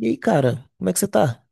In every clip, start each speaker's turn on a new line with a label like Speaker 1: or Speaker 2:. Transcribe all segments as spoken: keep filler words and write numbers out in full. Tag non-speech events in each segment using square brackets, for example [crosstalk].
Speaker 1: E aí, cara, como é que você tá?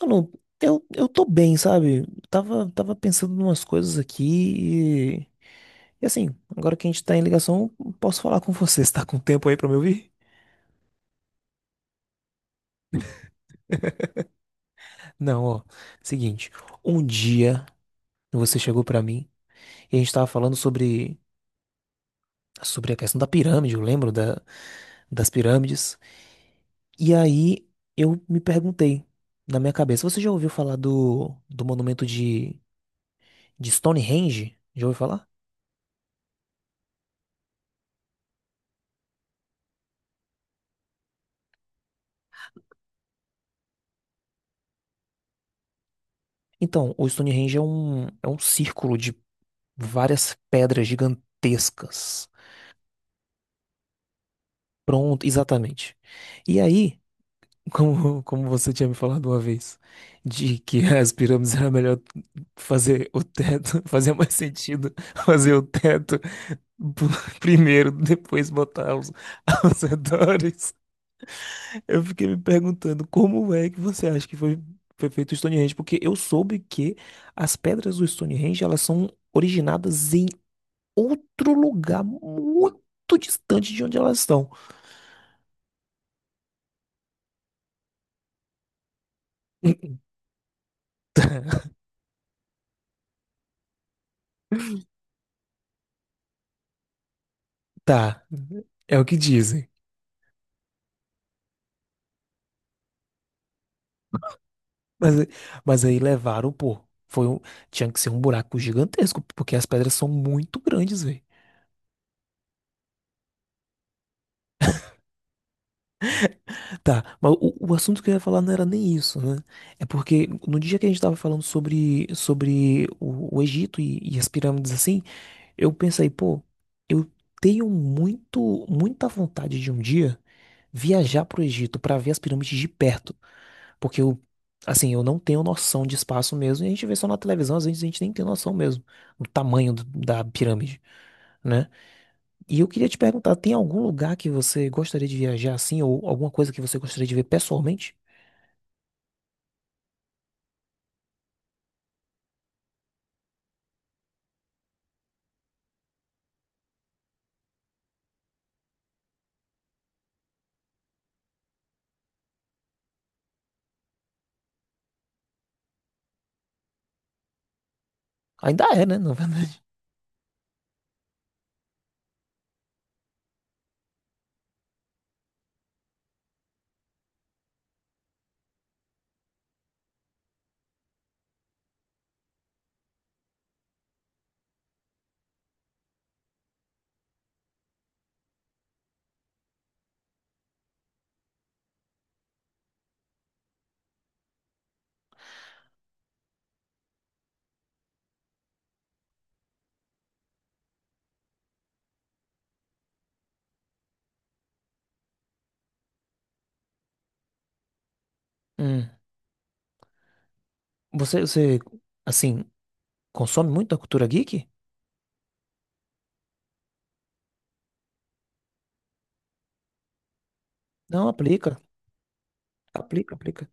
Speaker 1: Mano, eu, eu tô bem, sabe? Tava, tava pensando em umas coisas aqui e, e assim, agora que a gente tá em ligação, posso falar com você. [laughs] Você tá com tempo aí pra me ouvir? Não, ó. Seguinte, um dia você chegou pra mim e a gente tava falando sobre, sobre a questão da pirâmide, eu lembro da, das pirâmides. E aí eu me perguntei na minha cabeça, você já ouviu falar do, do monumento de, de Stonehenge? Já ouviu falar? Então, o Stonehenge é um, é um círculo de várias pedras gigantescas. Pronto, exatamente. E aí, [laughs] como, como você tinha me falado uma vez, de que [laughs] as pirâmides era melhor fazer o teto, [laughs] fazia mais sentido fazer o teto p- [laughs] primeiro, depois botar os, [laughs] os redores. Eu fiquei me perguntando como é que você acha que foi, foi feito o Stonehenge? Porque eu soube que as pedras do Stonehenge, elas são originadas outro lugar muito distante de onde elas estão. [laughs] Tá, é o que dizem. Mas, mas aí levaram, pô. Foi um, tinha que ser um buraco gigantesco, porque as pedras são muito grandes, velho. Tá, mas o, o assunto que eu ia falar não era nem isso, né? É porque no dia que a gente tava falando sobre, sobre o, o Egito e, e as pirâmides assim, eu pensei, pô, eu tenho muito, muita vontade de um dia viajar pro Egito pra ver as pirâmides de perto. Porque eu, assim, eu não tenho noção de espaço mesmo. E a gente vê só na televisão, às vezes a gente nem tem noção mesmo do tamanho do- da pirâmide, né? E eu queria te perguntar, tem algum lugar que você gostaria de viajar assim, ou alguma coisa que você gostaria de ver pessoalmente? Ainda é, né? [laughs] Na verdade. Hum. Você, você, assim, consome muito da cultura geek? Não, aplica. Aplica, aplica.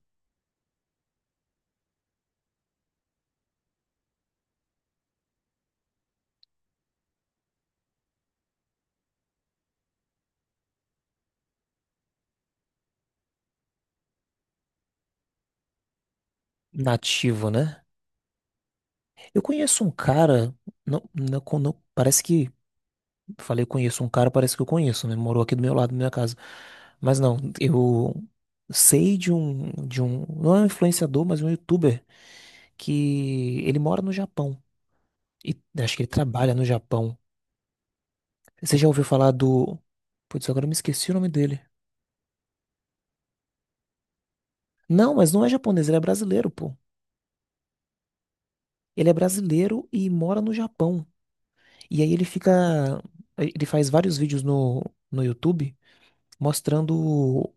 Speaker 1: Nativo, né? Eu conheço um cara, não, não, não- parece que falei, conheço um cara, parece que eu conheço, né? Morou aqui do meu lado, da minha casa. Mas não, eu sei de um, de um, não é um influenciador, mas um youtuber que ele mora no Japão. E acho que ele trabalha no Japão. Você já ouviu falar do. Putz, agora eu me esqueci o nome dele. Não, mas não é japonês, ele é brasileiro, pô. Ele é brasileiro e mora no Japão. E aí ele fica. Ele faz vários vídeos no, no YouTube mostrando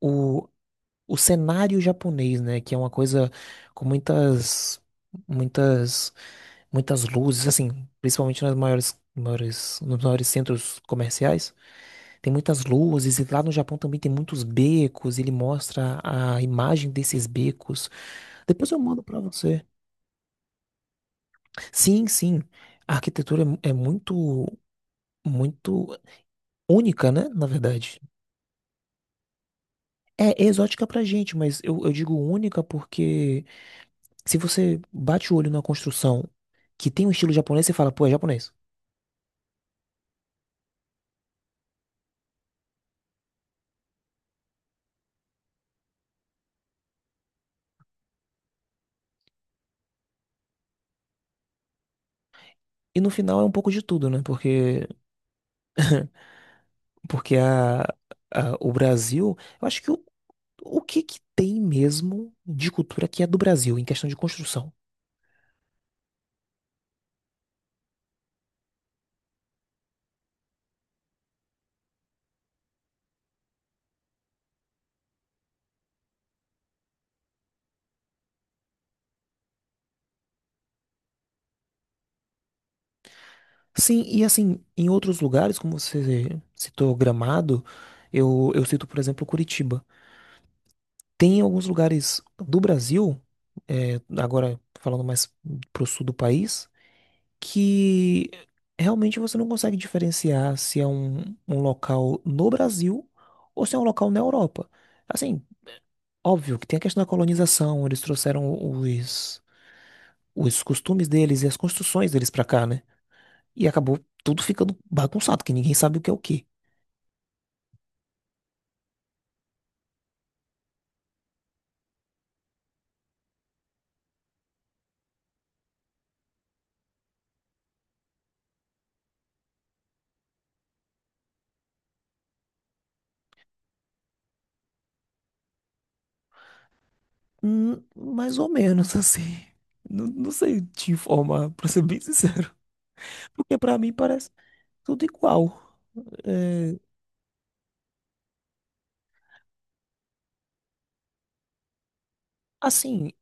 Speaker 1: o, o cenário japonês, né? Que é uma coisa com muitas, muitas, muitas luzes, assim, principalmente nas maiores, maiores, nos maiores centros comerciais. Tem muitas luzes e lá no Japão também tem muitos becos. Ele mostra a imagem desses becos. Depois eu mando pra você. Sim, sim. A arquitetura é mu- é muito, muito única, né? Na verdade. É exótica pra gente, mas eu, eu digo única porque se você bate o olho na construção que tem um estilo japonês, você fala, pô, é japonês. E no final é um pouco de tudo, né? Porque, porque a, a- o Brasil, eu acho que o, o que que tem mesmo de cultura que é do Brasil em questão de construção? Sim, e assim, em outros lugares, como você citou Gramado, eu, eu cito, por exemplo, Curitiba. Tem alguns lugares do Brasil, é, agora falando mais pro sul do país, que realmente você não consegue diferenciar se é um, um local no Brasil ou se é um local na Europa. Assim, óbvio que tem a questão da colonização, eles trouxeram os, os costumes deles e as construções deles pra cá, né? E acabou tudo ficando bagunçado, que ninguém sabe o que é o que mais ou menos [laughs] assim. Não, não sei te informar, pra ser bem sincero. Porque pra mim parece. Tudo igual. É, assim,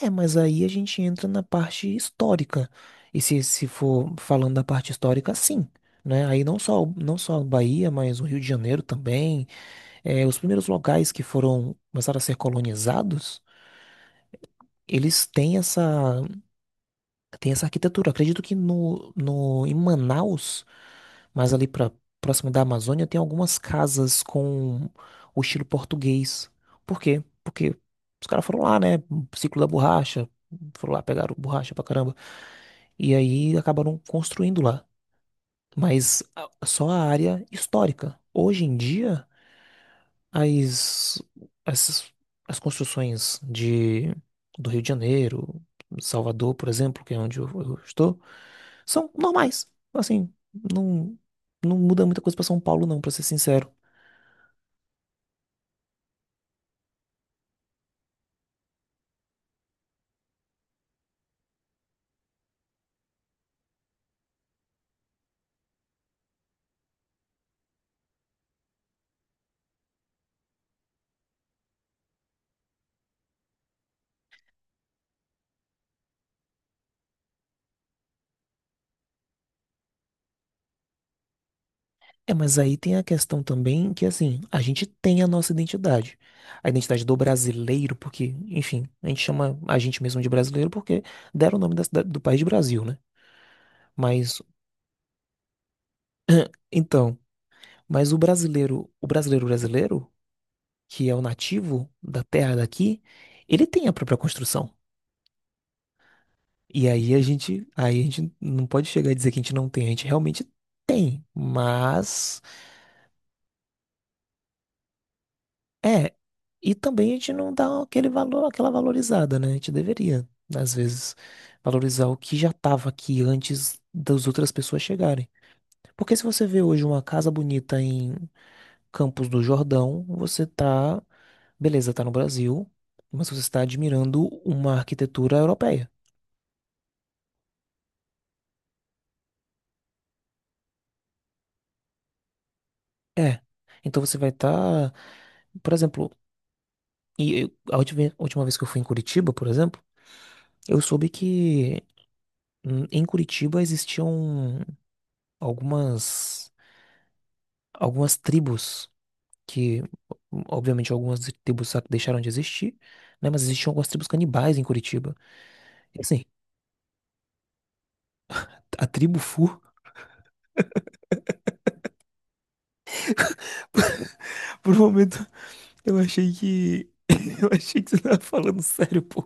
Speaker 1: é, mas aí a gente entra na parte histórica. E se, se for falando da parte histórica, sim. Né? Aí não só, não só a Bahia, mas o Rio de Janeiro também. É, os primeiros locais que foram começaram a ser colonizados, eles têm essa tem essa arquitetura. Eu acredito que no, no, em Manaus, mas ali pra, próximo da Amazônia, tem algumas casas com o estilo português. Por quê? Porque os caras foram lá, né? Ciclo da borracha. Foram lá, pegaram borracha pra caramba. E aí acabaram construindo lá. Mas a- só a área histórica. Hoje em dia, as, as, as construções de, do Rio de Janeiro, Salvador, por exemplo, que é onde eu eu estou. São normais. Assim, não, não muda muita coisa pra São Paulo, não, pra ser sincero. É, mas aí tem a questão também que, assim, a gente tem a nossa identidade. A identidade do brasileiro, porque, enfim, a gente chama a gente mesmo de brasileiro porque deram o nome da cidade- do país de Brasil, né? Mas, então, mas o brasileiro, o brasileiro brasileiro, que é o nativo da terra daqui, ele tem a própria construção. E aí a gente, aí a gente não pode chegar e dizer que a gente não tem, a gente realmente tem, mas é, e também a gente não dá aquele valor, aquela valorizada, né? A gente deveria, às vezes, valorizar o que já estava aqui antes das outras pessoas chegarem. Porque se você vê hoje uma casa bonita em Campos do Jordão, você tá, beleza, tá no Brasil, mas você está admirando uma arquitetura europeia. É. Então você vai estar por exemplo, e eu- a última, ve- última vez que eu fui em Curitiba, por exemplo, eu soube que hum, em Curitiba existiam algumas, algumas tribos que, hum, obviamente, algumas tribos sa- deixaram de existir, né? Mas existiam algumas tribos canibais em Curitiba. E assim, a tribo Fu, [laughs] por um momento, eu achei que. [laughs] Eu achei que você tava falando sério, pô.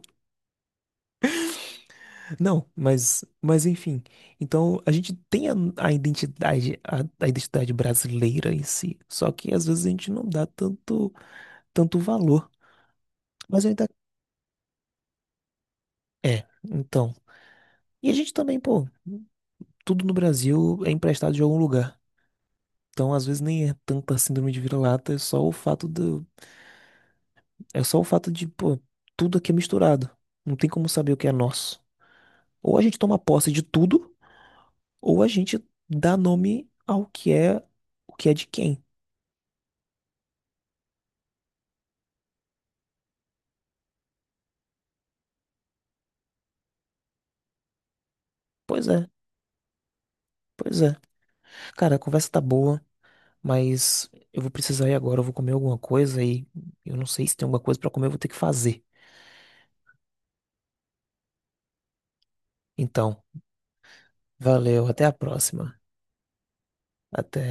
Speaker 1: Não, mas, mas enfim. Então a gente tem a, a identidade, a, a identidade brasileira em si. Só que às vezes a gente não dá tanto, tanto valor. Mas ainda é, então. E a gente também, pô, tudo no Brasil é emprestado de algum lugar. Então às vezes nem é tanta síndrome de vira-lata, é só o fato do, é só o fato de, pô, tudo aqui é misturado. Não tem como saber o que é nosso. Ou a gente toma posse de tudo, ou a gente dá nome ao que é, o que é de quem. Pois é. Pois é. Cara, a conversa tá boa, mas eu vou precisar ir agora. Eu vou comer alguma coisa e eu não sei se tem alguma coisa pra comer, eu vou ter que fazer. Então, valeu, até a próxima. Até.